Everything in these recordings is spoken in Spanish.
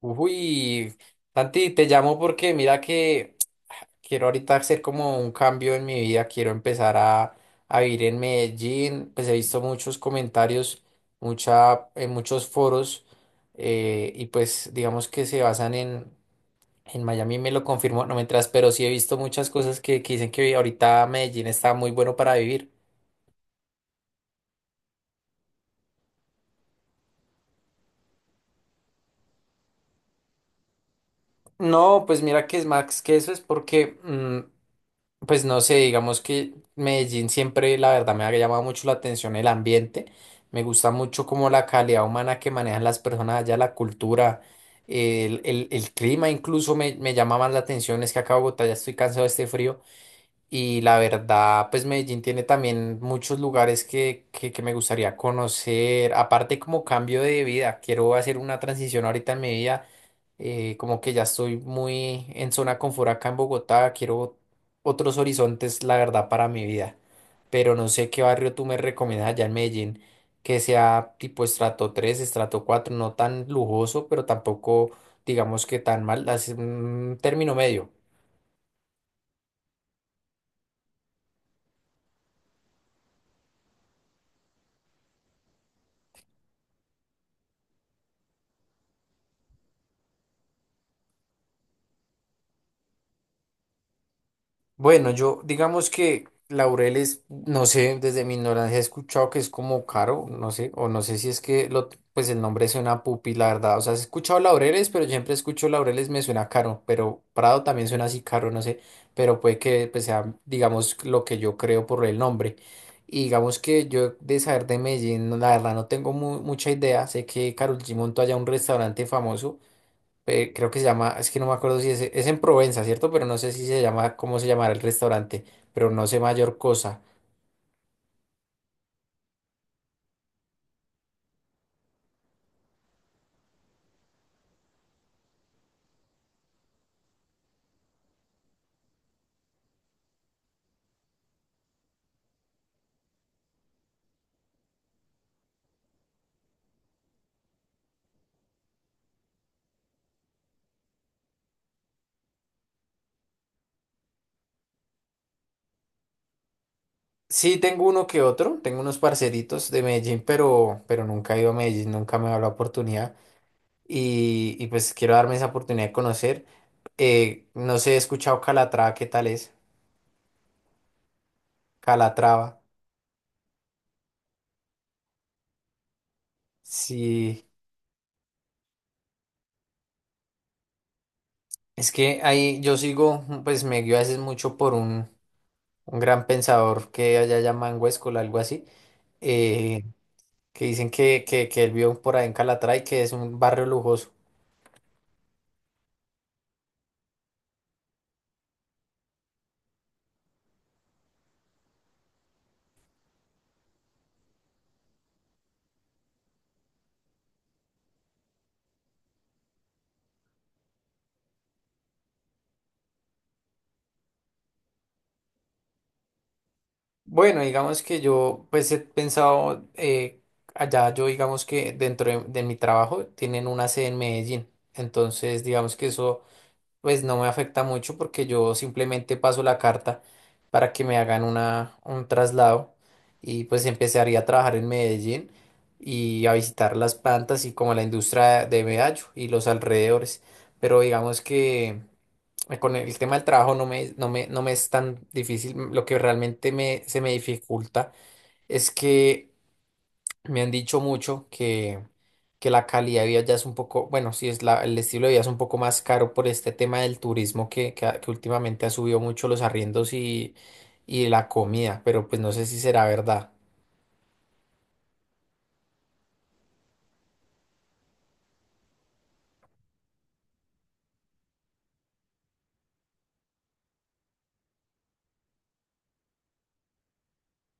Uy, Santi, te llamo porque mira que quiero ahorita hacer como un cambio en mi vida, quiero empezar a vivir en Medellín. Pues he visto muchos comentarios, mucha, en muchos foros y pues digamos que se basan en Miami, me lo confirmó, no mientras, pero sí he visto muchas cosas que dicen que ahorita Medellín está muy bueno para vivir. No, pues mira que es más que eso, es porque... Pues no sé, digamos que Medellín siempre, la verdad, me ha llamado mucho la atención el ambiente. Me gusta mucho como la calidad humana que manejan las personas allá, la cultura, el, el clima incluso me, me llama más la atención. Es que acá en Bogotá ya estoy cansado de este frío. Y la verdad, pues Medellín tiene también muchos lugares que me gustaría conocer. Aparte, como cambio de vida, quiero hacer una transición ahorita en mi vida. Como que ya estoy muy en zona confort acá en Bogotá. Quiero otros horizontes, la verdad, para mi vida. Pero no sé qué barrio tú me recomiendas allá en Medellín que sea tipo estrato 3 estrato cuatro, no tan lujoso, pero tampoco digamos que tan mal. Así, un término medio. Bueno, yo digamos que Laureles, no sé, desde mi ignorancia he escuchado que es como caro, no sé, o no sé si es que lo, pues el nombre suena pupi, la verdad. O sea, he escuchado Laureles, pero siempre escucho Laureles, me suena caro, pero Prado también suena así caro, no sé, pero puede que pues, sea, digamos, lo que yo creo por el nombre. Y digamos que yo de saber de Medellín, no, la verdad no tengo mucha idea, sé que Karol G montó allá un restaurante famoso. Creo que se llama, es que no me acuerdo si es, es en Provenza, ¿cierto? Pero no sé si se llama, cómo se llamará el restaurante, pero no sé mayor cosa. Sí, tengo uno que otro, tengo unos parceritos de Medellín, pero nunca he ido a Medellín, nunca me ha dado la oportunidad y pues quiero darme esa oportunidad de conocer. No sé, he escuchado Calatrava, ¿qué tal es? Calatrava, sí. Es que ahí yo sigo, pues me guío a veces mucho por un gran pensador que allá llaman Huéscola, algo así. Eh, que dicen que él vio por ahí en Calatrava y que es un barrio lujoso. Bueno, digamos que yo pues he pensado, allá yo digamos que dentro de mi trabajo tienen una sede en Medellín, entonces digamos que eso pues no me afecta mucho porque yo simplemente paso la carta para que me hagan una, un traslado y pues empezaría a trabajar en Medellín y a visitar las plantas y como la industria de Medallo y los alrededores, pero digamos que... Con el tema del trabajo no me, no me, no me es tan difícil. Lo que realmente me, se me dificulta es que me han dicho mucho que la calidad de vida ya es un poco, bueno, sí es la, el estilo de vida es un poco más caro por este tema del turismo que, que últimamente ha subido mucho los arriendos y la comida, pero pues no sé si será verdad.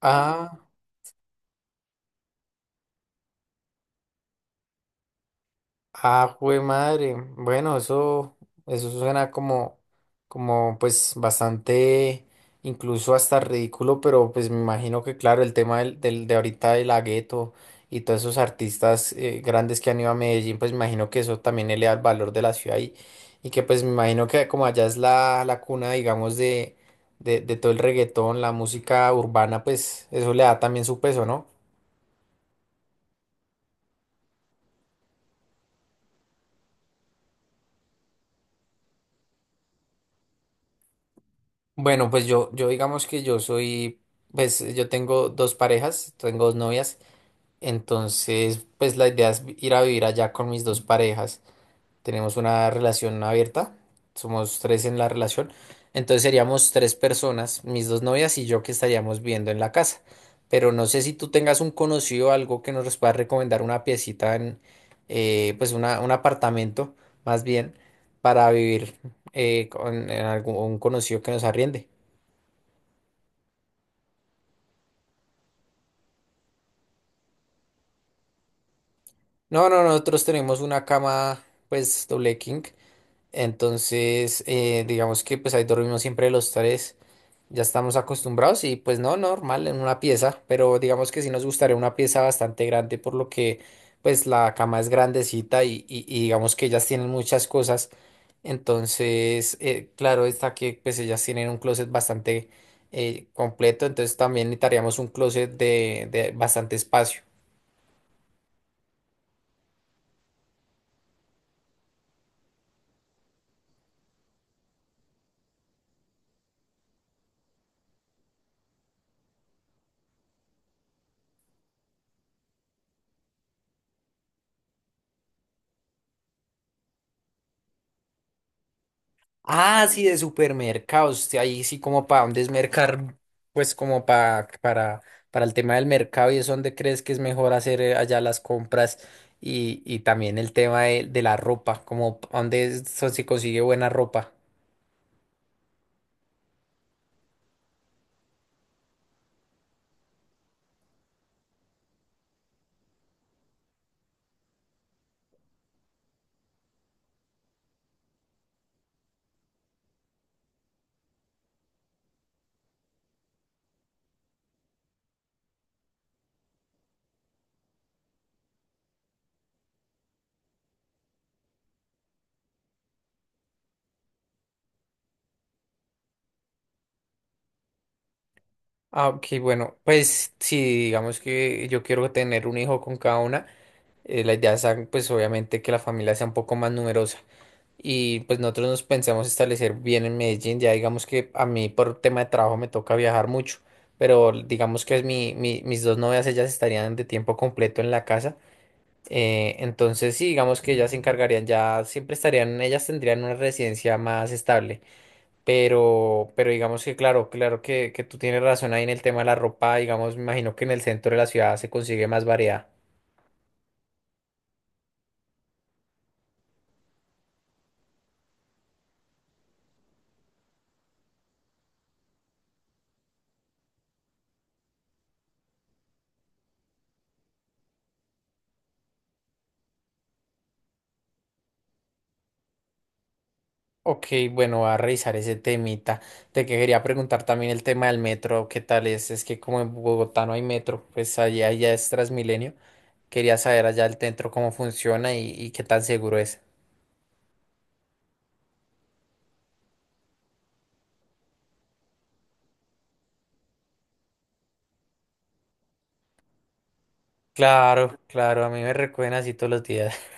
Ah. Ah, jue madre. Bueno, eso suena como, como pues bastante, incluso hasta ridículo, pero pues me imagino que claro, el tema del, de ahorita de la gueto y todos esos artistas grandes que han ido a Medellín, pues me imagino que eso también eleva el valor de la ciudad y que pues me imagino que como allá es la, la cuna, digamos, de todo el reggaetón, la música urbana, pues eso le da también su peso, ¿no? Bueno, pues yo digamos que yo soy, pues yo tengo dos parejas, tengo dos novias, entonces pues la idea es ir a vivir allá con mis dos parejas. Tenemos una relación abierta, somos tres en la relación, entonces seríamos tres personas, mis dos novias y yo que estaríamos viviendo en la casa. Pero no sé si tú tengas un conocido, algo que nos pueda recomendar una piecita en, pues una, un apartamento más bien, para vivir con en algún un conocido que nos arriende. No, no, nosotros tenemos una cama, pues, doble king. Entonces, digamos que pues ahí dormimos siempre los tres. Ya estamos acostumbrados y pues no, normal en una pieza, pero digamos que sí nos gustaría una pieza bastante grande por lo que pues la cama es grandecita y, y digamos que ellas tienen muchas cosas. Entonces, claro está que pues ellas tienen un closet bastante completo, entonces también necesitaríamos un closet de bastante espacio. Ah, sí, de supermercados. Sí, ahí sí como para dónde es mercar, pues como para el tema del mercado y es donde crees que es mejor hacer allá las compras y también el tema de la ropa, como dónde se consigue buena ropa. Ah, ok, bueno, pues sí, digamos que yo quiero tener un hijo con cada una. La idea es pues obviamente que la familia sea un poco más numerosa. Y pues nosotros nos pensamos establecer bien en Medellín. Ya digamos que a mí por tema de trabajo me toca viajar mucho, pero digamos que es mi, mis dos novias, ellas estarían de tiempo completo en la casa. Entonces sí, digamos que ellas se encargarían, ya siempre estarían, ellas tendrían una residencia más estable. Pero digamos que claro, claro que tú tienes razón ahí en el tema de la ropa, digamos, me imagino que en el centro de la ciudad se consigue más variedad. Ok, bueno, voy a revisar ese temita. Te que quería preguntar también el tema del metro, ¿qué tal es? Es que como en Bogotá no hay metro, pues allá ya es Transmilenio. Quería saber allá el centro cómo funciona y qué tan seguro es. Claro, claro, a mí me recuerdan así todos los días.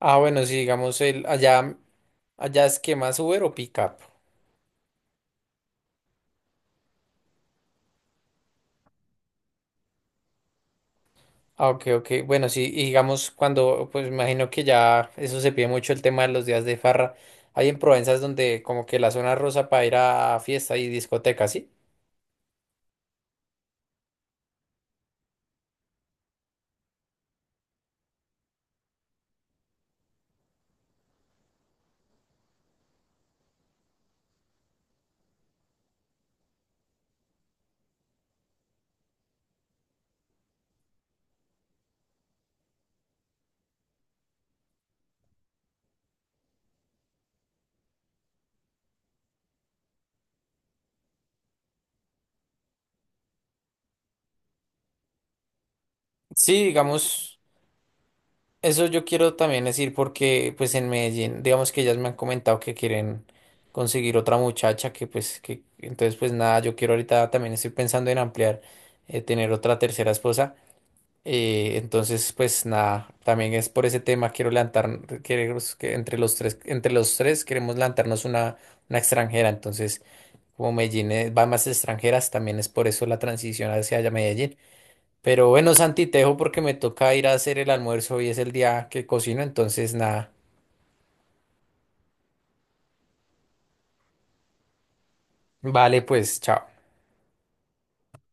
Ah, bueno, sí, digamos, el, allá, allá es que más Uber o Pickup. Ah, ok, ok. Bueno, sí, y digamos, cuando, pues me imagino que ya eso se pide mucho el tema de los días de farra. Hay en Provenza es donde como que la zona rosa para ir a fiesta y discotecas, ¿sí? Sí, digamos, eso yo quiero también decir porque pues en Medellín, digamos que ellas me han comentado que quieren conseguir otra muchacha que pues que entonces pues nada, yo quiero ahorita también estoy pensando en ampliar, tener otra tercera esposa. Entonces pues nada, también es por ese tema quiero levantar, queremos que entre los tres queremos levantarnos una extranjera. Entonces, como Medellín va más extranjeras, también es por eso la transición hacia allá Medellín. Pero bueno, Santi, te dejo porque me toca ir a hacer el almuerzo. Hoy es el día que cocino, entonces nada. Vale, pues, chao.